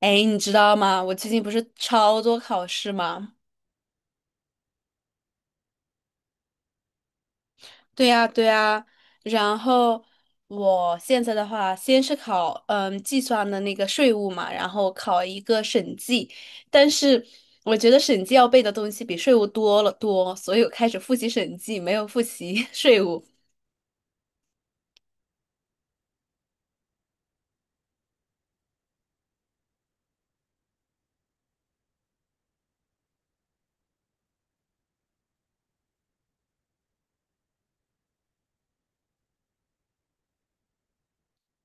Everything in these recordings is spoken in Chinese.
哎，你知道吗？我最近不是超多考试吗？对呀，对呀。然后我现在的话，先是考计算的那个税务嘛，然后考一个审计，但是我觉得审计要背的东西比税务多了多，所以我开始复习审计，没有复习 税务。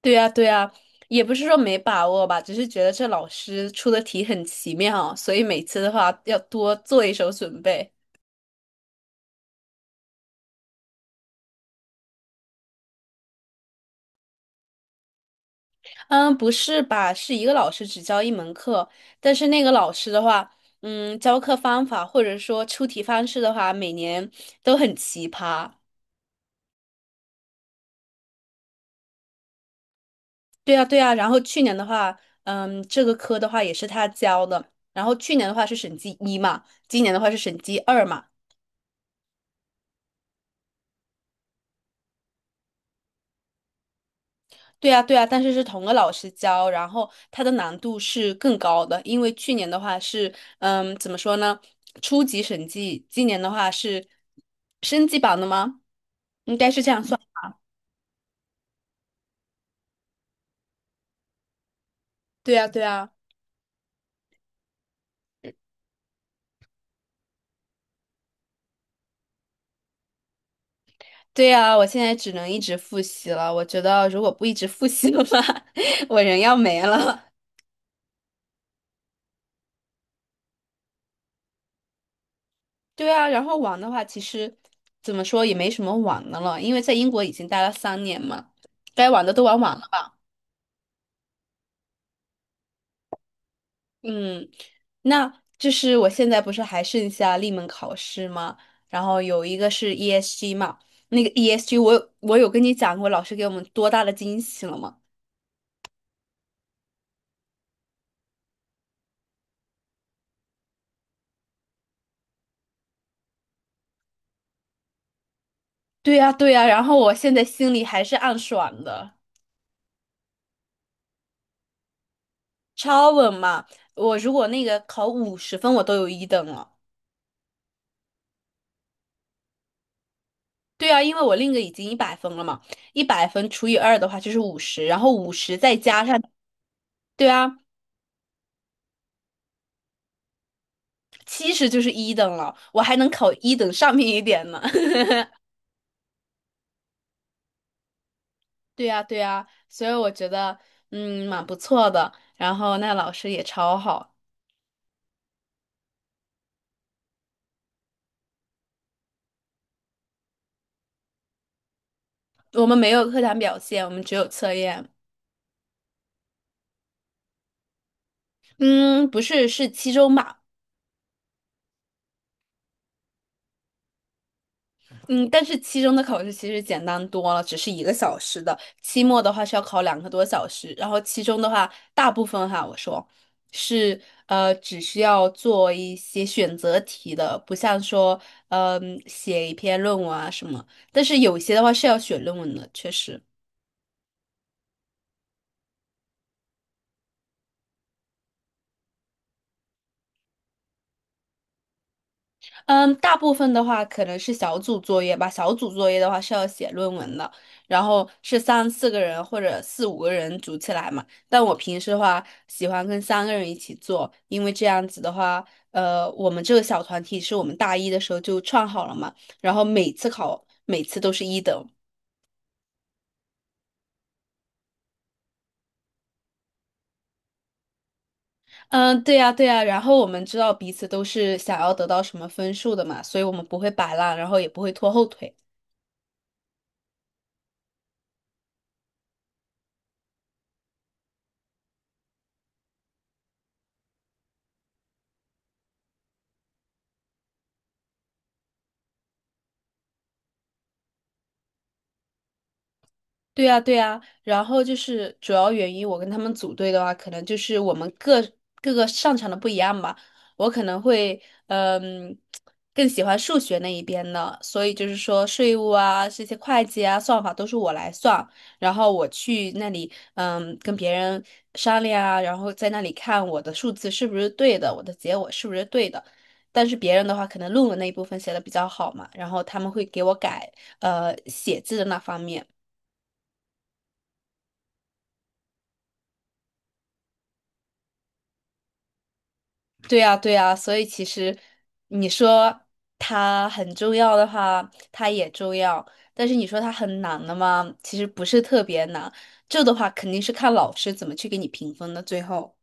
对呀，对呀，也不是说没把握吧，只是觉得这老师出的题很奇妙，所以每次的话要多做一手准备。嗯，不是吧？是一个老师只教一门课，但是那个老师的话，嗯，教课方法或者说出题方式的话，每年都很奇葩。对啊，对啊。然后去年的话，这个科的话也是他教的。然后去年的话是审计一嘛，今年的话是审计二嘛。对呀，对呀，但是是同个老师教，然后它的难度是更高的，因为去年的话是，怎么说呢，初级审计，今年的话是升级版的吗？应该是这样算。对呀，对呀，对呀，我现在只能一直复习了。我觉得如果不一直复习的话，我人要没了。对啊，然后玩的话，其实怎么说也没什么玩的了，因为在英国已经待了3年嘛，该玩的都玩完了。嗯，那就是我现在不是还剩下立门考试吗？然后有一个是 ESG 嘛，那个 ESG 我有跟你讲过，老师给我们多大的惊喜了吗？对呀，对呀，然后我现在心里还是暗爽的，超稳嘛！我如果那个考50分，我都有一等了。对啊，因为我另一个已经一百分了嘛，一百分除以二的话就是五十，然后五十再加上，对啊，70就是一等了，我还能考一等上面一点呢。对呀，对呀，所以我觉得，蛮不错的。然后那老师也超好，我们没有课堂表现，我们只有测验。嗯，不是，是期中吧？嗯，但是期中的考试其实简单多了，只是一个小时的。期末的话是要考两个多小时，然后期中的话，大部分哈，我说是只需要做一些选择题的，不像说，嗯、写一篇论文啊什么。但是有些的话是要写论文的，确实。嗯，大部分的话可能是小组作业吧。小组作业的话是要写论文的，然后是三四个人或者四五个人组起来嘛。但我平时的话喜欢跟三个人一起做，因为这样子的话，我们这个小团体是我们大一的时候就创好了嘛，然后每次考每次都是一等。嗯，对呀，对呀。然后我们知道彼此都是想要得到什么分数的嘛，所以我们不会摆烂，然后也不会拖后腿。对呀，对呀，然后就是主要原因，我跟他们组队的话，可能就是我们各个擅长的不一样吧。我可能会，嗯，更喜欢数学那一边的，所以就是说税务啊，这些会计啊，算法都是我来算，然后我去那里，跟别人商量啊，然后在那里看我的数字是不是对的，我的结果是不是对的。但是别人的话，可能论文那一部分写的比较好嘛，然后他们会给我改，写字的那方面。对呀，对呀，所以其实你说它很重要的话，它也重要；但是你说它很难的嘛，其实不是特别难。这的话肯定是看老师怎么去给你评分的。最后，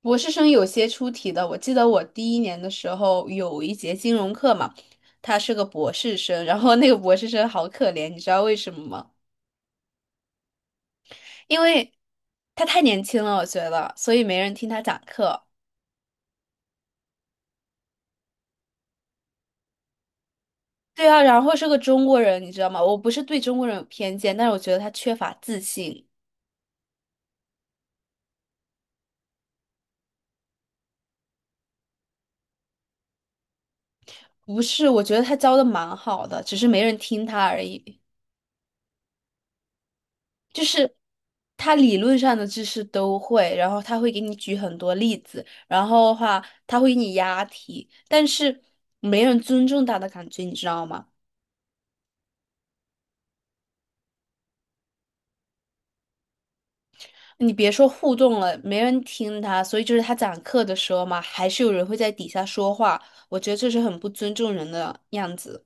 博士生有些出题的，我记得我第一年的时候有一节金融课嘛，他是个博士生，然后那个博士生好可怜，你知道为什么吗？因为他太年轻了，我觉得，所以没人听他讲课。对啊，然后是个中国人，你知道吗？我不是对中国人有偏见，但是我觉得他缺乏自信。不是，我觉得他教的蛮好的，只是没人听他而已。就是他理论上的知识都会，然后他会给你举很多例子，然后的话他会给你押题，但是没人尊重他的感觉，你知道吗？你别说互动了，没人听他，所以就是他讲课的时候嘛，还是有人会在底下说话，我觉得这是很不尊重人的样子。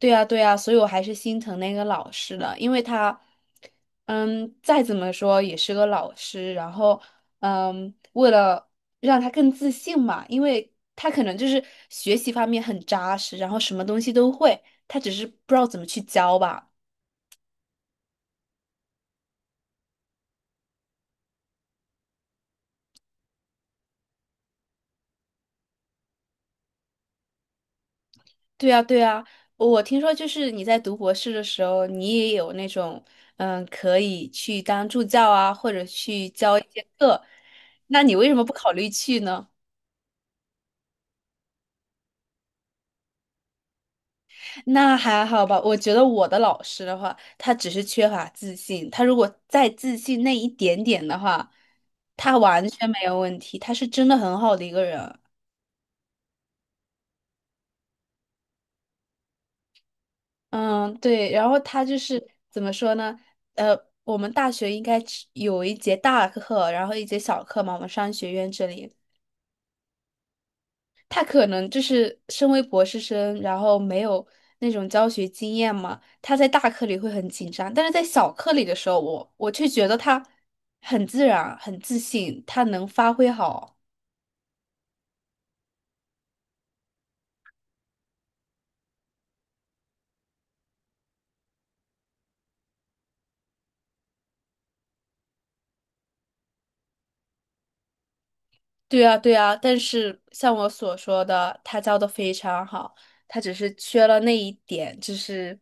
对呀，对呀，所以我还是心疼那个老师的，因为他，嗯，再怎么说也是个老师，然后，为了让他更自信嘛，因为他可能就是学习方面很扎实，然后什么东西都会，他只是不知道怎么去教吧。对呀，对呀，我听说就是你在读博士的时候，你也有那种，可以去当助教啊，或者去教一些课，那你为什么不考虑去呢？那还好吧，我觉得我的老师的话，他只是缺乏自信。他如果再自信那一点点的话，他完全没有问题。他是真的很好的一个人。嗯，对。然后他就是怎么说呢？呃，我们大学应该只有一节大课，然后一节小课嘛。我们商学院这里，他可能就是身为博士生，然后没有那种教学经验嘛，他在大课里会很紧张，但是在小课里的时候，我却觉得他很自然、很自信，他能发挥好。对啊，对啊，但是像我所说的，他教的非常好，他只是缺了那一点，就是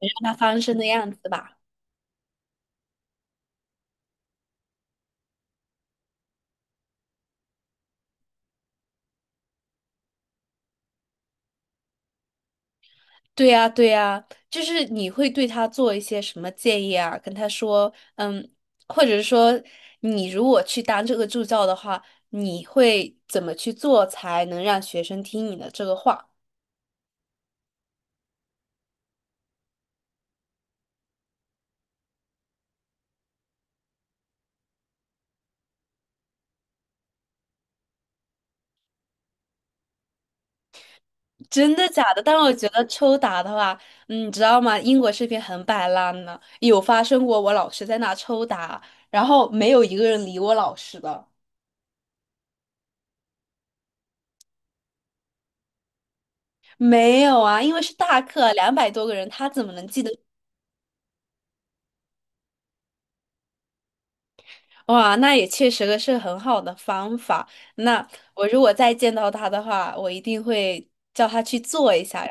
让他翻身的样子吧。对呀，对呀，就是你会对他做一些什么建议啊？跟他说，嗯，或者是说，你如果去当这个助教的话，你会怎么去做才能让学生听你的这个话？真的假的？但是我觉得抽打的话，嗯，你知道吗？英国这边很摆烂呢，有发生过我老师在那抽打，然后没有一个人理我老师的。没有啊，因为是大课，200多个人，他怎么能记得？哇，那也确实是很好的方法。那我如果再见到他的话，我一定会叫他去做一下。